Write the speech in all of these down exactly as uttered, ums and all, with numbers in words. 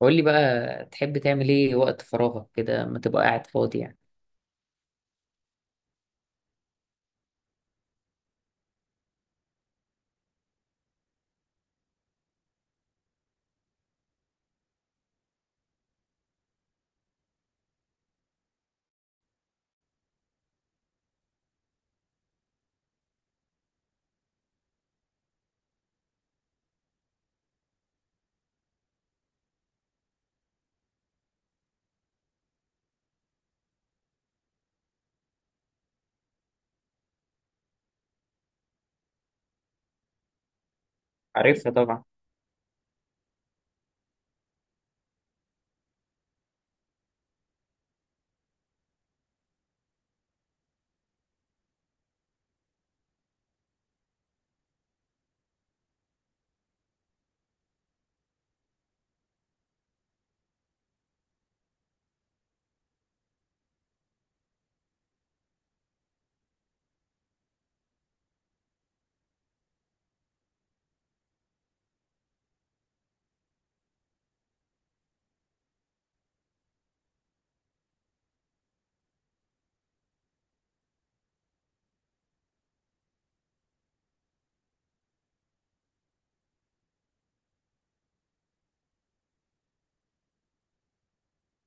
قول لي بقى تحب تعمل ايه وقت فراغك كده ما تبقى قاعد فاضي يعني؟ عارفها طبعا.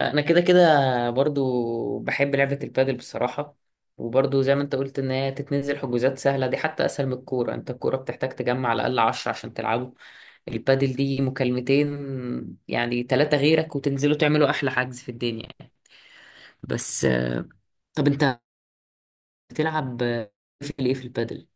انا كده كده برضو بحب لعبة البادل بصراحة، وبرضو زي ما انت قلت ان هي تتنزل حجوزات سهلة، دي حتى اسهل من الكورة. انت الكورة بتحتاج تجمع على الاقل عشرة عشان تلعبوا. البادل دي مكالمتين، يعني ثلاثة غيرك وتنزلوا تعملوا احلى حجز في الدنيا يعني. بس آه، طب انت بتلعب آه، في ايه، في البادل؟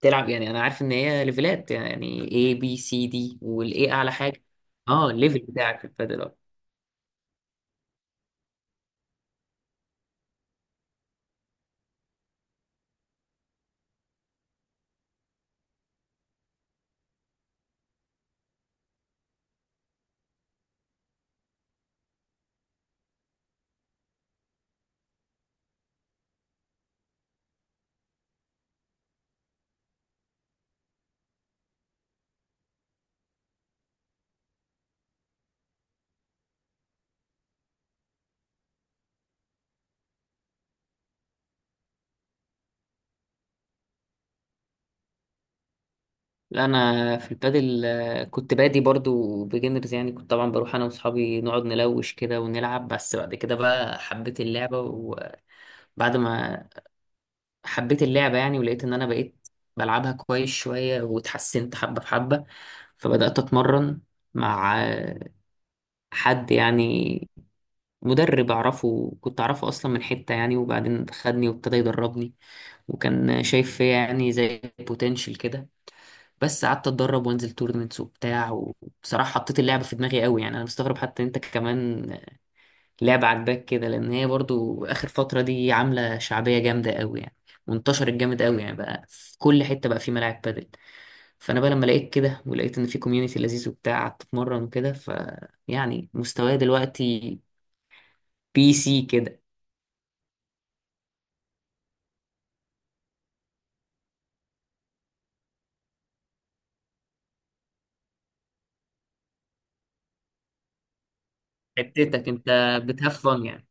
تلعب يعني، انا عارف ان هي ليفلات، يعني A B C D والاي اعلى حاجه. اه الليفل بتاعك في البادل اه؟ لا انا في البادل آه، كنت بادي برضو بيجنرز يعني. كنت طبعا بروح انا واصحابي نقعد نلوش كده ونلعب، بس بعد كده بقى حبيت اللعبه، وبعد ما حبيت اللعبه يعني، ولقيت ان انا بقيت بلعبها كويس شويه واتحسنت حبه بحبه، فبدات اتمرن مع آه، حد يعني، مدرب اعرفه، كنت اعرفه اصلا من حتة يعني، وبعدين خدني وابتدى يدربني، وكان شايف فيا يعني زي بوتنشال كده. بس قعدت اتدرب وانزل تورنمنتس وبتاع، وبصراحة حطيت اللعبة في دماغي قوي. يعني انا مستغرب حتى انت كمان لعبة عاجباك كده، لان هي برضو اخر فترة دي عاملة شعبية جامدة قوي يعني، وانتشرت جامد قوي يعني، بقى في كل حتة بقى في ملاعب بادل. فانا بقى لما لقيت كده، ولقيت ان في كوميونتي لذيذ وبتاع، قعدت اتمرن وكده. ف يعني مستواي دلوقتي بي سي كده. حتتك انت بتهفن يعني.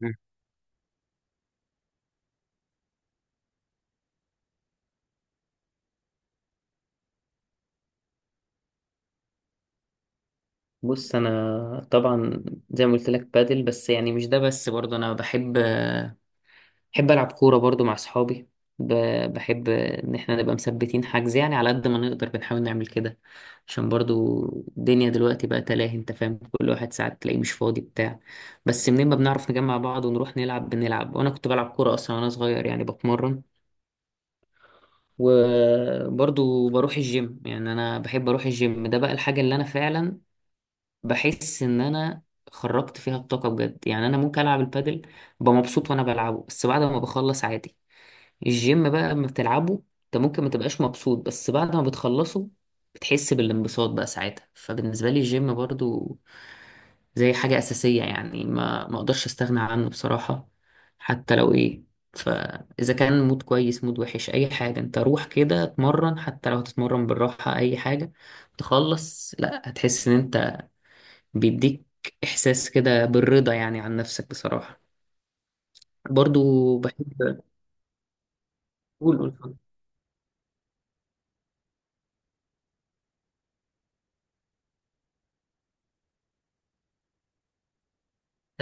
مم. بص انا طبعا، زي ما قلت لك بادل، بس يعني مش ده بس، برضه انا بحب، بحب العب كوره برضه مع اصحابي. ب- بحب ان احنا نبقى مثبتين حجز، يعني على قد ما نقدر بنحاول نعمل كده، عشان برضه الدنيا دلوقتي بقى تلاهي، انت فاهم، كل واحد ساعات تلاقيه مش فاضي بتاع. بس منين ما بنعرف نجمع بعض ونروح نلعب بنلعب، وانا كنت بلعب كوره اصلا وانا صغير يعني، بتمرن. وبرضه بروح الجيم، يعني انا بحب اروح الجيم. ده بقى الحاجه اللي انا فعلا بحس ان انا خرجت فيها الطاقه بجد. يعني انا ممكن العب البادل ببقى مبسوط وانا بلعبه، بس بعد ما بخلص عادي. الجيم بقى لما بتلعبه انت ممكن ما تبقاش مبسوط، بس بعد ما بتخلصه بتحس بالانبساط بقى ساعتها. فبالنسبه لي الجيم برضو زي حاجه اساسيه يعني، ما ما اقدرش استغنى عنه بصراحه. حتى لو ايه، فاذا كان مود كويس، مود وحش، اي حاجه، انت روح كده اتمرن. حتى لو هتتمرن بالراحه، اي حاجه تخلص، لا هتحس ان انت بيديك إحساس كده بالرضا يعني عن نفسك بصراحة. برضو بحب، أقول قول اتفضل.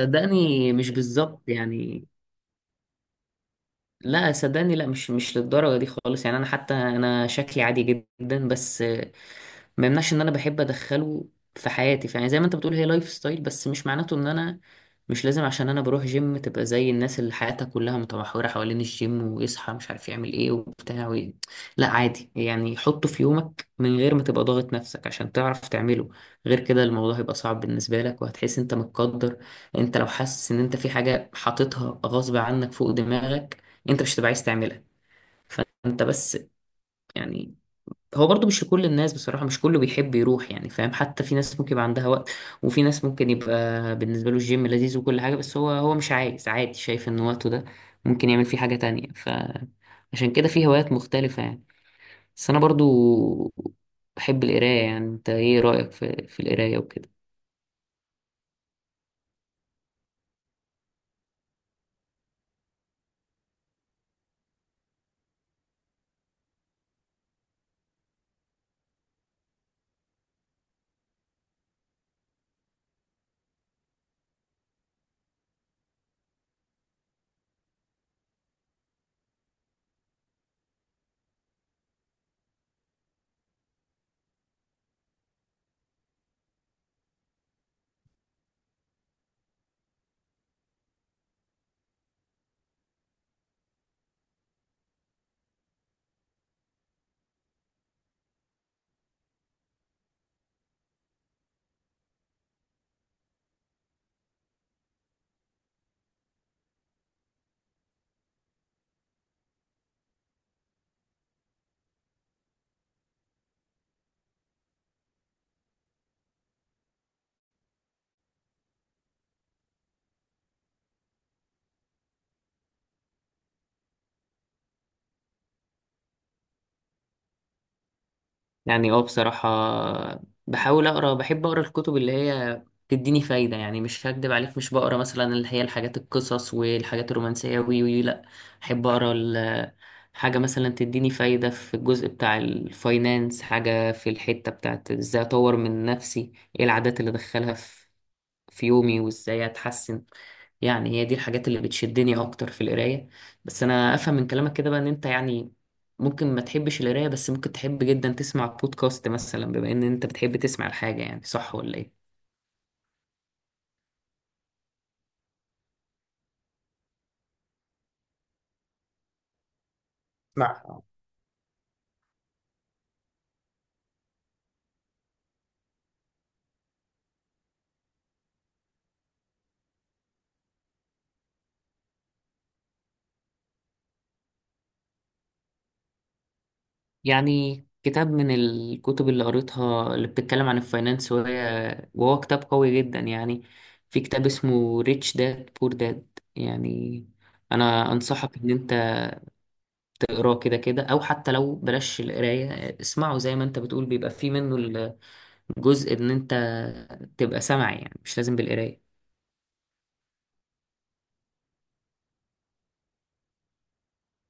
صدقني مش بالظبط يعني. لا صدقني، لا مش مش للدرجة دي خالص يعني. أنا حتى أنا شكلي عادي جدا، بس ما يمنعش إن أنا بحب أدخله في حياتي، فيعني زي ما أنت بتقول هي لايف ستايل، بس مش معناته إن أنا مش لازم. عشان أنا بروح جيم تبقى زي الناس اللي حياتها كلها متمحورة حوالين الجيم، ويصحى مش عارف يعمل إيه وبتاع وإيه. لا عادي يعني، حطه في يومك من غير ما تبقى ضاغط نفسك عشان تعرف تعمله. غير كده الموضوع هيبقى صعب بالنسبة لك، وهتحس أنت متقدر. أنت لو حاسس إن أنت في حاجة حاططها غصب عنك فوق دماغك، انت مش هتبقى عايز تعملها. فانت بس يعني، هو برضو مش لكل الناس بصراحة، مش كله بيحب يروح يعني، فاهم؟ حتى في ناس ممكن يبقى عندها وقت، وفي ناس ممكن يبقى بالنسبة له الجيم لذيذ وكل حاجة، بس هو هو مش عايز، عادي، شايف ان وقته ده ممكن يعمل فيه حاجة تانية، فعشان كده في هوايات مختلفة يعني. بس انا برضو بحب القراية، يعني انت ايه رأيك في في القراية وكده؟ يعني اه بصراحة، بحاول أقرأ، بحب أقرأ الكتب اللي هي تديني فايدة. يعني مش هكدب عليك، مش بقرأ مثلا اللي هي الحاجات القصص والحاجات الرومانسية، وي وي لأ. بحب أقرأ ال- حاجة مثلا تديني فايدة في الجزء بتاع الفاينانس، حاجة في الحتة بتاعت إزاي أطور من نفسي، إيه العادات اللي أدخلها في في يومي، وازاي اتحسن. يعني هي دي الحاجات اللي بتشدني اكتر في القرايه. بس انا افهم من كلامك كده بقى ان انت يعني ممكن ما تحبش القرايه، بس ممكن تحب جدا تسمع بودكاست مثلا، بما ان انت بتحب تسمع الحاجه، يعني صح ولا ايه؟ مع يعني كتاب من الكتب اللي قريتها اللي بتتكلم عن الفاينانس، وهي وهو كتاب قوي جدا يعني. في كتاب اسمه ريتش داد بور داد، يعني انا انصحك ان انت اقراه كده كده، او حتى لو بلاش القرايه اسمعه، زي ما انت بتقول بيبقى فيه منه الجزء ان انت تبقى سمعي، يعني مش لازم بالقرايه.